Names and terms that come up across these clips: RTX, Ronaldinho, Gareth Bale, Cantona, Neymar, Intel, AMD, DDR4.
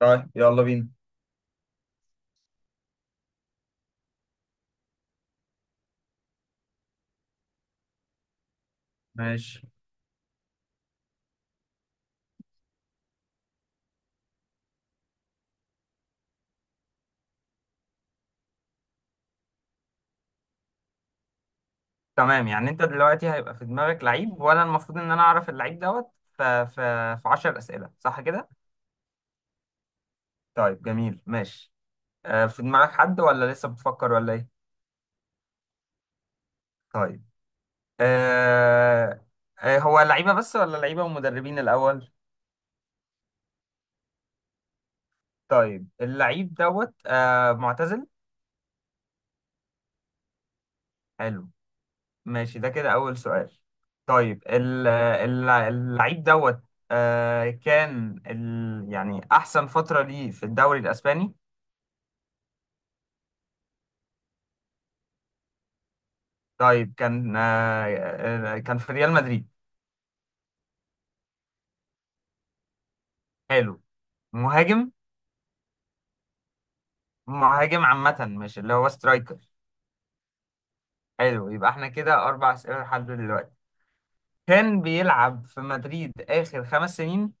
طيب يلا بينا. ماشي. تمام، يعني انت دلوقتي هيبقى في دماغك لعيب وانا المفروض ان انا اعرف اللعيب دوت في 10 اسئله، صح كده؟ طيب جميل، ماشي. في دماغك حد ولا لسه بتفكر ولا ايه؟ طيب. آه، هو لعيبه بس ولا لعيبه ومدربين الاول؟ طيب اللعيب دوت معتزل. حلو. ماشي، ده كده اول سؤال. طيب اللعيب دوت كان يعني احسن فتره ليه في الدوري الاسباني؟ طيب كان كان في ريال مدريد. حلو. مهاجم. مهاجم عامة مش اللي هو سترايكر. حلو، يبقى احنا كده أربع أسئلة لحد دلوقتي. كان بيلعب في مدريد آخر خمس سنين؟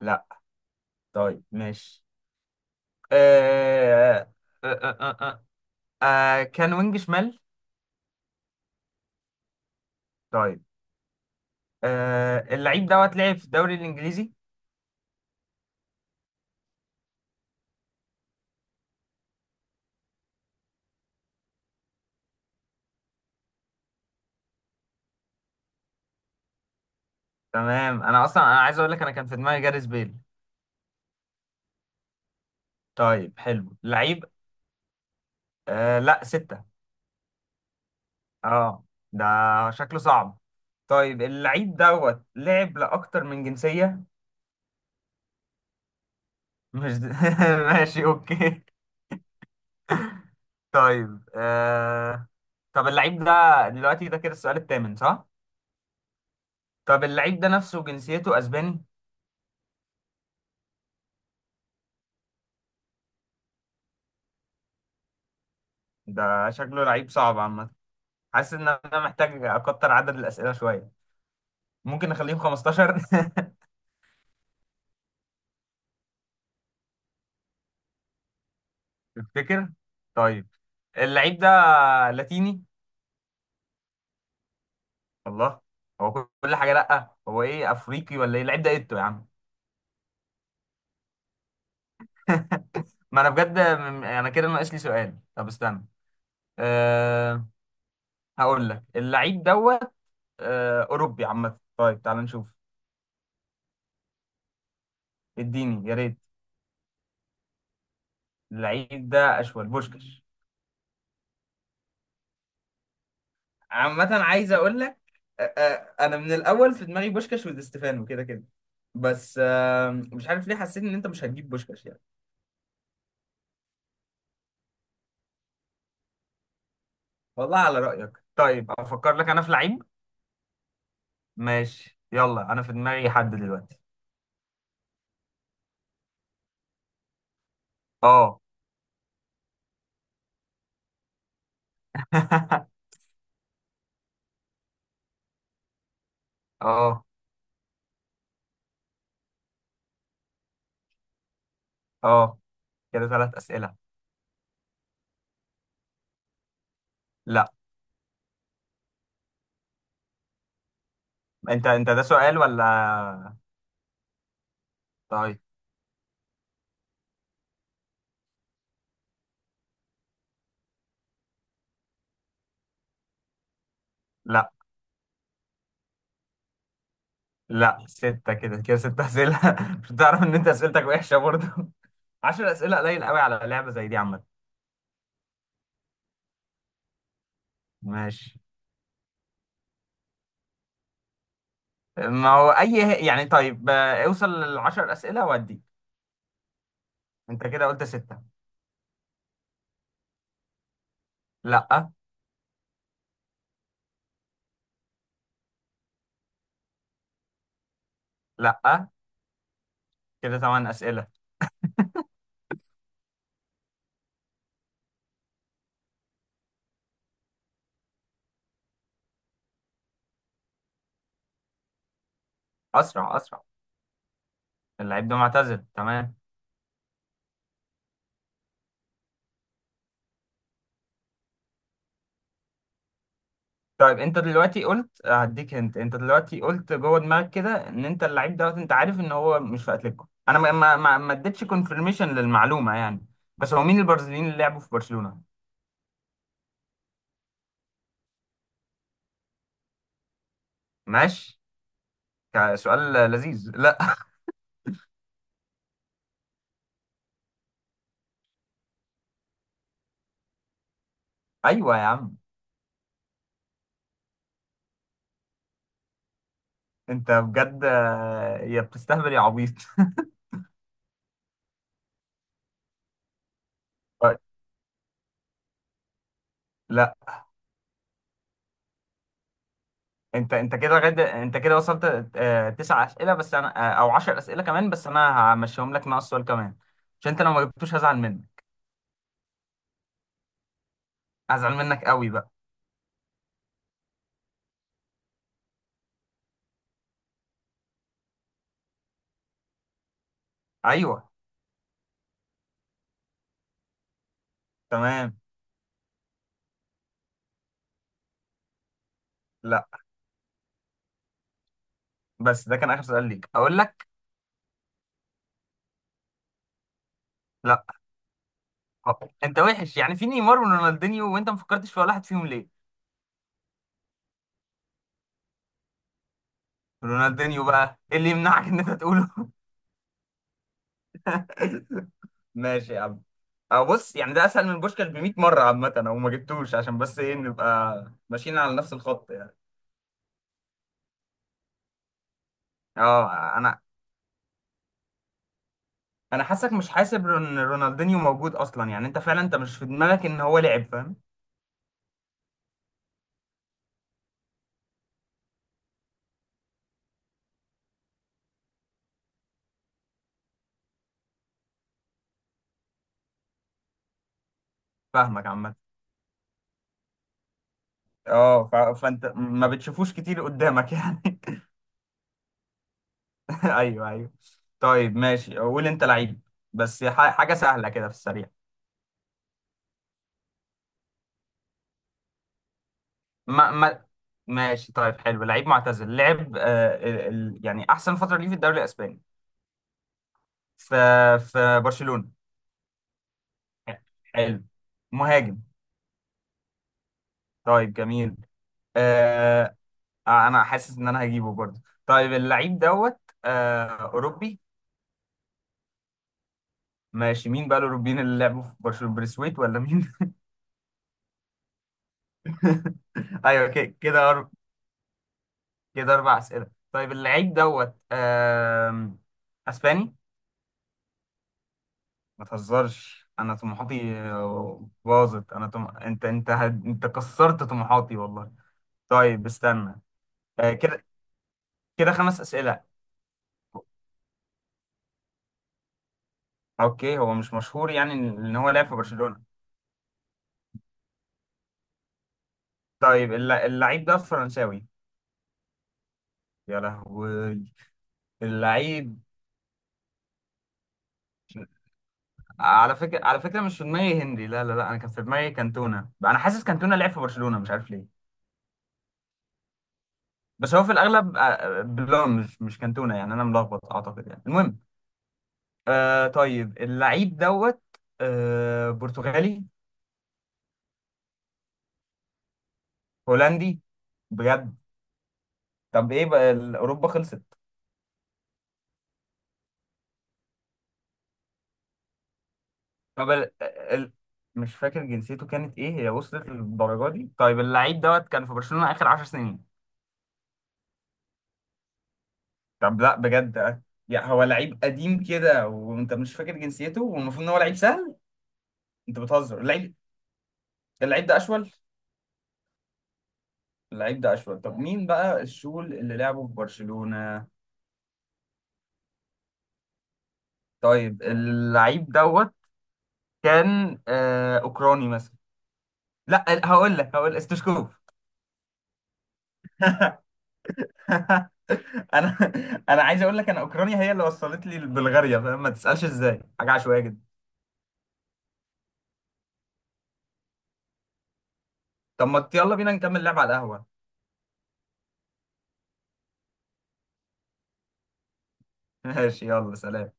لا. طيب ماشي. آه... آه... آه... آه... آه... كان وينج شمال؟ طيب. اللعيب دوت لعب في الدوري الإنجليزي؟ تمام، أنا أصلا أنا عايز أقول لك أنا كان في دماغي جاريث بيل. طيب حلو، لعيب. لا، ستة. اه. ده شكله صعب. طيب اللعيب دوت لعب لأكتر من جنسية؟ مش د... ماشي، اوكي. طيب طب اللعيب ده، دلوقتي ده كده السؤال الثامن صح؟ طب اللعيب ده نفسه جنسيته اسباني؟ ده شكله لعيب صعب عامة. حاسس ان انا محتاج اكتر عدد الأسئلة شوية. ممكن نخليهم 15 تفتكر؟ طيب. اللعيب ده لاتيني؟ الله. هو كل حاجة لأ، هو ايه، افريقي ولا ايه اللعيب ده ايه يا عم؟ ما انا بجد، انا كده ناقص لي سؤال، طب استنى. أه، هقول لك اللعيب دوت أه اوروبي عامه. طيب تعال نشوف. اديني يا ريت. اللعيب ده اشول بوشكش. عامه عايز اقول لك، أه انا من الاول في دماغي بوشكش ودي ستيفانو كده كده. بس أه مش عارف ليه حسيت ان انت مش هتجيب بوشكش يعني. والله على رايك. طيب افكر لك انا في لعيب. ماشي يلا، انا في دماغي حد دلوقتي. اه. اه. اه. كده ثلاث اسئله. لا. انت انت ده سؤال ولا؟ طيب. لا، لا ستة، كده كده ستة أسئلة مش بتعرف إن أنت أسئلتك وحشة برضه عشر أسئلة قليل قوي على لعبة زي دي عامة. ماشي. ما هو أي يعني، طيب اوصل للعشر أسئلة وأدي. أنت كده قلت ستة. لا. لا كده ثمان أسئلة. أسرع أسرع. اللعيب ده معتزل، تمام. طيب انت دلوقتي قلت هديك، انت انت دلوقتي قلت جوه دماغك كده ان انت اللعيب دوت، انت عارف ان هو مش في اتلتيكو، انا ما اديتش كونفirmation للمعلومه يعني. بس هو مين البرازيليين اللي لعبوا في برشلونه؟ ماشي. سؤال لذيذ لا ايوه يا عم. انت بجد، يا بتستهبل يا عبيط طيب. لا. انت انت كده لغايه، انت كده وصلت تسع اسئله بس انا او 10 اسئله، كمان بس انا همشيهم لك ناقص سؤال كمان، عشان انت لو ما جبتوش هزعل منك. هزعل منك قوي بقى. ايوه. تمام. لا، بس ده كان اخر سؤال ليك اقول لك. لا. أه. انت وحش يعني، في نيمار ورونالدينيو وانت ما فكرتش في ولا واحد فيهم ليه؟ رونالدينيو بقى ايه اللي يمنعك ان انت تقوله؟ ماشي يا عم. أه بص يعني، ده اسهل من بوشكاش ب 100 مره عامه، او ما جبتوش عشان بس ايه نبقى ماشيين على نفس الخط يعني. اه انا، انا حاسك مش حاسب ان رونالدينيو موجود اصلا، يعني انت فعلا انت مش في دماغك ان هو لعب فاهم. فاهمك عامه. اه فانت ما بتشوفوش كتير قدامك يعني. ايوه ايوه. طيب ماشي، قول انت لعيب. بس حاجه سهله كده في السريع. ما ما ماشي. طيب حلو، لعيب معتزل، لعب آه يعني احسن فتره ليه في الدوري الاسباني. في، في برشلونه. حلو. مهاجم. طيب جميل. آه. انا حاسس ان انا هجيبه برضه. طيب اللعيب دوت آه اوروبي. ماشي، مين بقى الاوروبيين اللي لعبوا في برشلونه، بريسويت ولا مين؟ ايوه كده كده. كده أربع أسئلة. طيب اللعيب دوت أسباني. ما تهزرش، أنا طموحاتي باظت، أنا أنت أنت أنت كسرت طموحاتي والله. طيب استنى. كده، كده خمس أسئلة. أوكي هو مش مشهور يعني إن هو لعب في برشلونة. طيب اللعيب ده فرنساوي؟ يا لهوي. اللعيب. على فكرة، على فكرة مش في دماغي هنري، لا لا لا، أنا كان في دماغي كانتونا، أنا حاسس كانتونا لعب في برشلونة مش عارف ليه. بس هو في الاغلب بلون، مش مش كانتونا يعني، انا ملخبط اعتقد، يعني المهم. آه طيب اللعيب دوت آه برتغالي؟ هولندي؟ بجد؟ طب ايه بقى، اوروبا خلصت؟ طب مش فاكر جنسيته كانت ايه، هي وصلت للدرجه دي؟ طيب اللعيب دوت كان في برشلونة اخر 10 سنين؟ طب لا بجد، يعني هو لعيب قديم كده وانت مش فاكر جنسيته والمفروض ان هو لعيب سهل. انت بتهزر. اللعيب. اللعيب ده اشول. اللعيب ده اشول، طب مين بقى الشول اللي لعبه في برشلونة؟ طيب اللعيب دوت كان آه اوكراني مثلا. لا هقول لك، هقول استشكوف. انا، انا عايز اقول لك، انا اوكرانيا هي اللي وصلت لي بلغاريا فاهم، ما تسالش ازاي، حاجه عشوائيه جدا. طب ما يلا بينا نكمل لعب على القهوه. ماشي، يلا سلام.